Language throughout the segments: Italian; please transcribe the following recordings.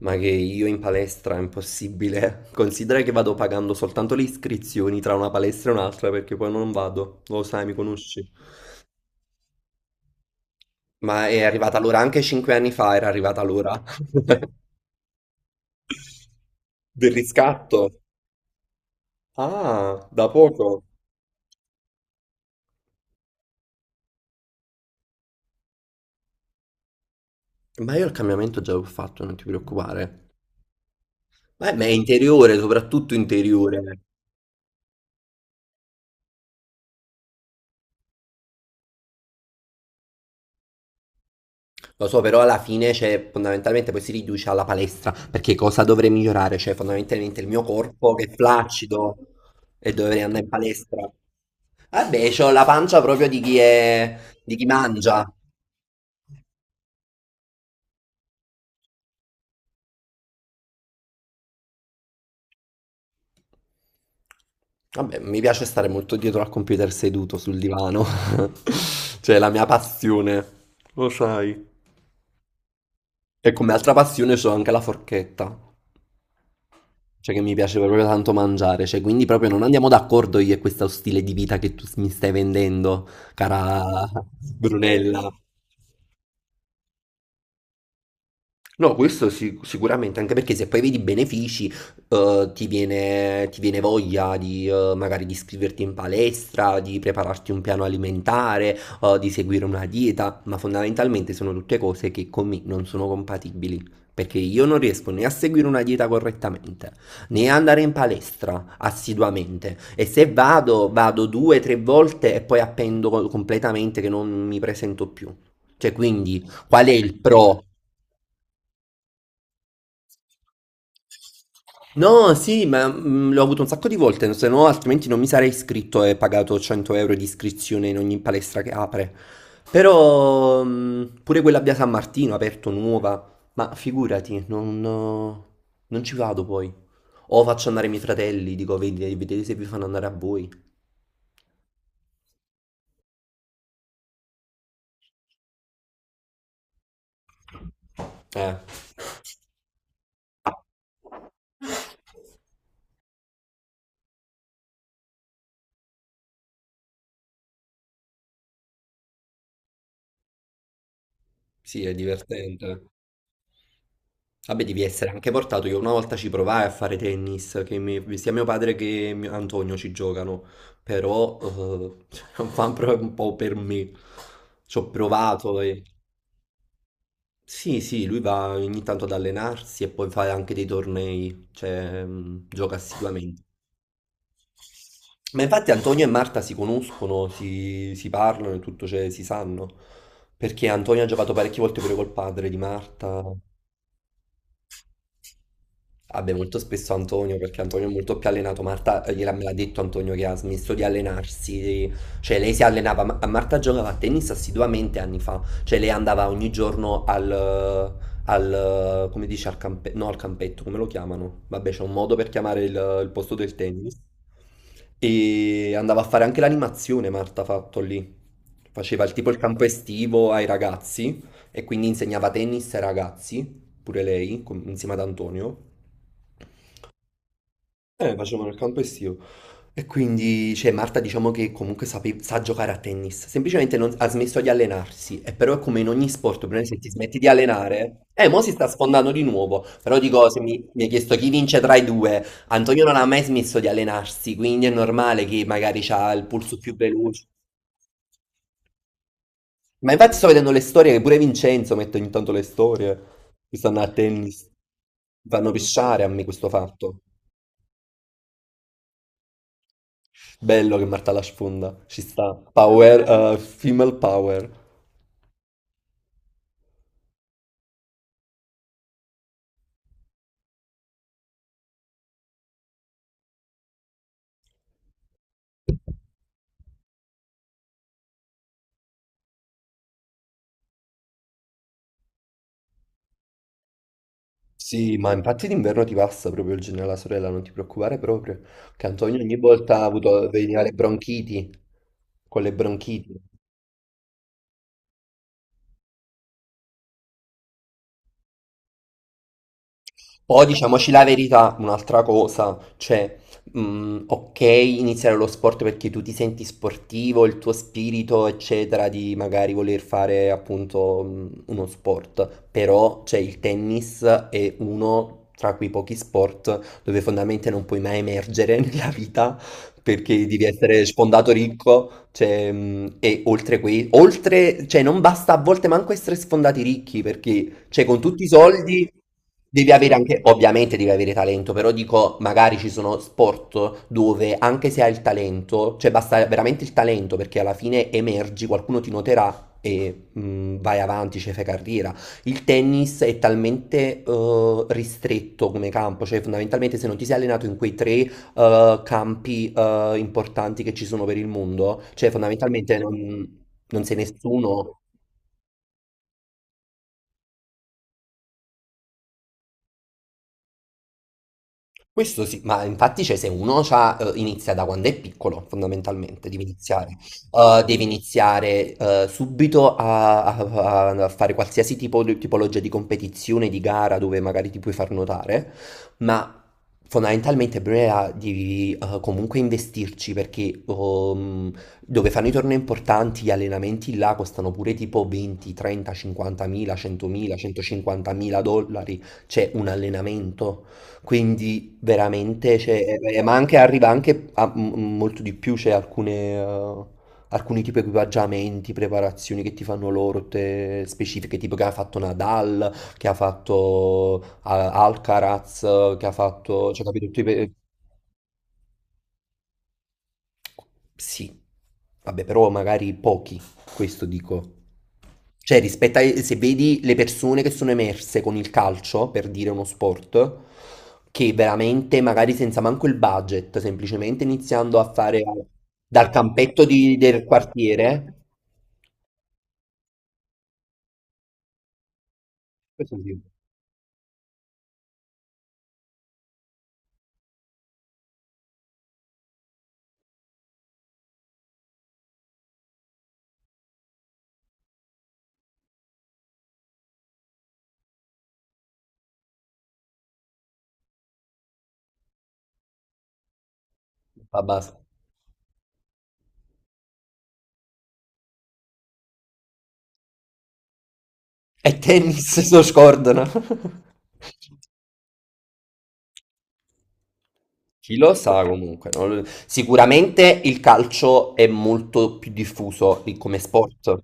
Ma che io in palestra è impossibile. Considera che vado pagando soltanto le iscrizioni tra una palestra e un'altra perché poi non vado. Lo sai, mi conosci. Ma è arrivata l'ora anche 5 anni fa, era arrivata l'ora del riscatto. Ah, da poco. Ma io il cambiamento già l'ho fatto, non ti preoccupare. Ma è interiore, soprattutto interiore. Lo so, però alla fine, cioè, fondamentalmente poi si riduce alla palestra, perché cosa dovrei migliorare? Cioè, fondamentalmente il mio corpo che è flaccido e dovrei andare in palestra. Vabbè, c'ho la pancia proprio di chi è, di chi mangia. Vabbè, mi piace stare molto dietro al computer seduto sul divano. Cioè, è la mia passione. Lo sai. E come altra passione c'ho anche la forchetta. Cioè che mi piace proprio tanto mangiare, cioè quindi proprio non andiamo d'accordo io e questo stile di vita che tu mi stai vendendo, cara Brunella. No, questo sicuramente, anche perché se poi vedi i benefici, ti viene voglia di magari di iscriverti in palestra, di prepararti un piano alimentare, di seguire una dieta, ma fondamentalmente sono tutte cose che con me non sono compatibili, perché io non riesco né a seguire una dieta correttamente, né a andare in palestra assiduamente, e se vado, vado 2, 3 volte e poi appendo completamente che non mi presento più. Cioè, quindi, qual è il pro? No, sì, ma l'ho avuto un sacco di volte, se no altrimenti non mi sarei iscritto e pagato 100 euro di iscrizione in ogni palestra che apre. Però pure quella a Via San Martino, aperto nuova, ma figurati, non ci vado poi. O faccio andare i miei fratelli, dico, vedete se vi fanno andare a voi". Eh, sì, è divertente. Vabbè, devi essere anche portato. Io una volta ci provai a fare tennis, che sia mio padre che Antonio ci giocano, però non fa proprio un po' per me. Ci ho provato e... Sì, sì, lui va ogni tanto ad allenarsi e poi fa anche dei tornei, cioè gioca assiduamente. Ma infatti Antonio e Marta si conoscono, si parlano e tutto, cioè si sanno, perché Antonio ha giocato parecchie volte pure col padre di Marta. Vabbè, molto spesso Antonio, perché Antonio è molto più allenato. Marta gliela me l'ha detto Antonio che ha smesso di allenarsi, cioè lei si allenava, Marta giocava a tennis assiduamente anni fa, cioè lei andava ogni giorno al come dice, al no, al campetto, come lo chiamano? Vabbè, c'è un modo per chiamare il posto del tennis. E andava a fare anche l'animazione, Marta ha fatto lì. Faceva il tipo il campo estivo ai ragazzi e quindi insegnava tennis ai ragazzi pure lei, insieme ad Antonio. Facevano il campo estivo. E quindi, cioè, Marta diciamo che comunque sa giocare a tennis, semplicemente ha smesso di allenarsi, e però è come in ogni sport, per esempio, se ti smetti di allenare, mo si sta sfondando di nuovo, però dico, se mi hai chiesto chi vince tra i due, Antonio non ha mai smesso di allenarsi, quindi è normale che magari ha il pulso più veloce. Ma infatti sto vedendo le storie, che pure Vincenzo mette ogni tanto le storie, che stanno a tennis. Mi fanno pisciare a me questo fatto. Bello che Marta la sfonda, ci sta. Power, female power. Sì, ma infatti d'inverno ti passa proprio il genio alla sorella, non ti preoccupare proprio, che Antonio ogni volta ha avuto, veniva le bronchiti, con le bronchiti. Poi diciamoci la verità, un'altra cosa, cioè, ok, iniziare lo sport perché tu ti senti sportivo, il tuo spirito, eccetera, di magari voler fare appunto uno sport, però c'è il tennis è uno tra quei pochi sport dove fondamentalmente non puoi mai emergere nella vita perché devi essere sfondato ricco, cioè, e oltre, cioè non basta a volte manco essere sfondati ricchi perché... Cioè, con tutti i soldi devi avere anche, ovviamente devi avere talento, però dico, magari ci sono sport dove anche se hai il talento, cioè basta veramente il talento perché alla fine emergi, qualcuno ti noterà. E vai avanti, cioè fai carriera. Il tennis è talmente ristretto come campo, cioè fondamentalmente se non ti sei allenato in quei tre campi importanti che ci sono per il mondo, cioè fondamentalmente non sei nessuno. Questo sì, ma infatti cioè, se uno c'ha, inizia da quando è piccolo, fondamentalmente, devi iniziare. Devi iniziare subito a fare qualsiasi tipo di tipologia di competizione, di gara dove magari ti puoi far notare, ma fondamentalmente Brea devi comunque investirci perché dove fanno i tornei importanti, gli allenamenti là costano pure tipo 20, 30, 50 mila, 100 mila, 150 mila dollari, c'è un allenamento. Quindi veramente, cioè, ma anche, arriva anche a molto di più, c'è eh, alcuni tipi di equipaggiamenti, preparazioni che ti fanno loro, specifiche, tipo che ha fatto Nadal, che ha fatto Alcaraz, che ha fatto, cioè, capito, tutti sì, vabbè, però magari pochi, questo dico. Cioè, rispetto a se vedi le persone che sono emerse con il calcio, per dire uno sport, che veramente magari senza manco il budget, semplicemente iniziando a fare dal campetto del quartiere, questo sì, va basta. E tennis lo scordano. Chi lo sa comunque, non lo- sicuramente il calcio è molto più diffuso come sport.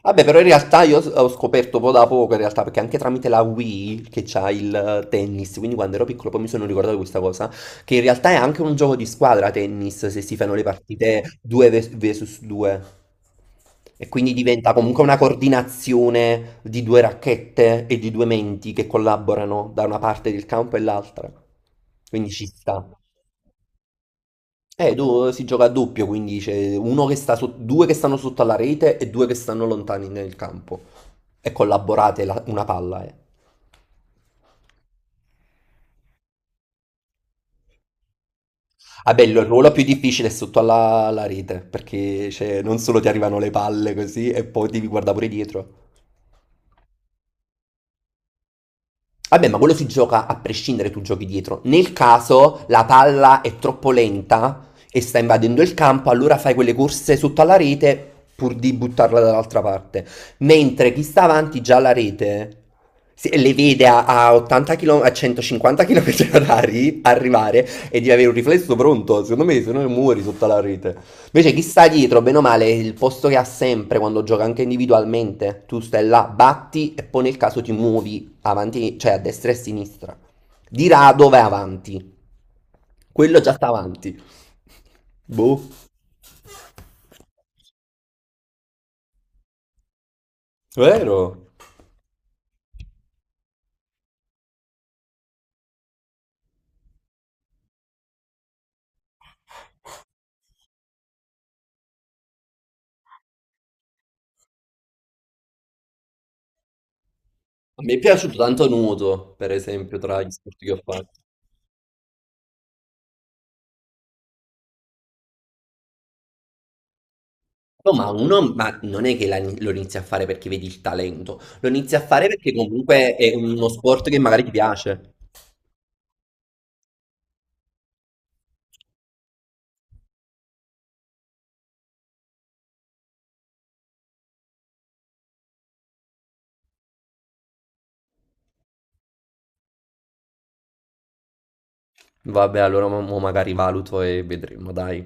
Vabbè, però in realtà io ho scoperto poco da poco, in realtà, perché anche tramite la Wii che c'ha il tennis, quindi quando ero piccolo poi mi sono ricordato di questa cosa, che in realtà è anche un gioco di squadra tennis, se si fanno le partite 2 vs 2. E quindi diventa comunque una coordinazione di due racchette e di due menti che collaborano da una parte del campo e l'altra. Quindi ci sta. Si gioca a doppio, quindi c'è uno che sta due che stanno sotto alla rete e due che stanno lontani nel campo. E collaborate una palla, eh. Ah, bello, il ruolo più difficile è sotto alla rete, perché cioè, non solo ti arrivano le palle così, e poi devi guardare pure dietro. Vabbè, ma quello si gioca a prescindere, tu giochi dietro. Nel caso la palla è troppo lenta e sta invadendo il campo, allora fai quelle corse sotto alla rete pur di buttarla dall'altra parte. Mentre chi sta avanti già alla rete le vede a 80 km, a 150 km orari arrivare e devi avere un riflesso pronto. Secondo me, se no muori sotto alla rete. Invece chi sta dietro, bene o male, è il posto che ha sempre quando gioca anche individualmente. Tu stai là, batti e poi nel caso ti muovi avanti, cioè a destra e a sinistra. Di rado vai avanti. Quello già sta avanti. Boh. Vero? A me è piaciuto tanto nuoto, per esempio, tra gli sport che ho fatto. No, ma uno ma non è che lo inizi a fare perché vedi il talento, lo inizi a fare perché comunque è uno sport che magari ti piace. Vabbè, allora mo magari valuto e vedremo, dai.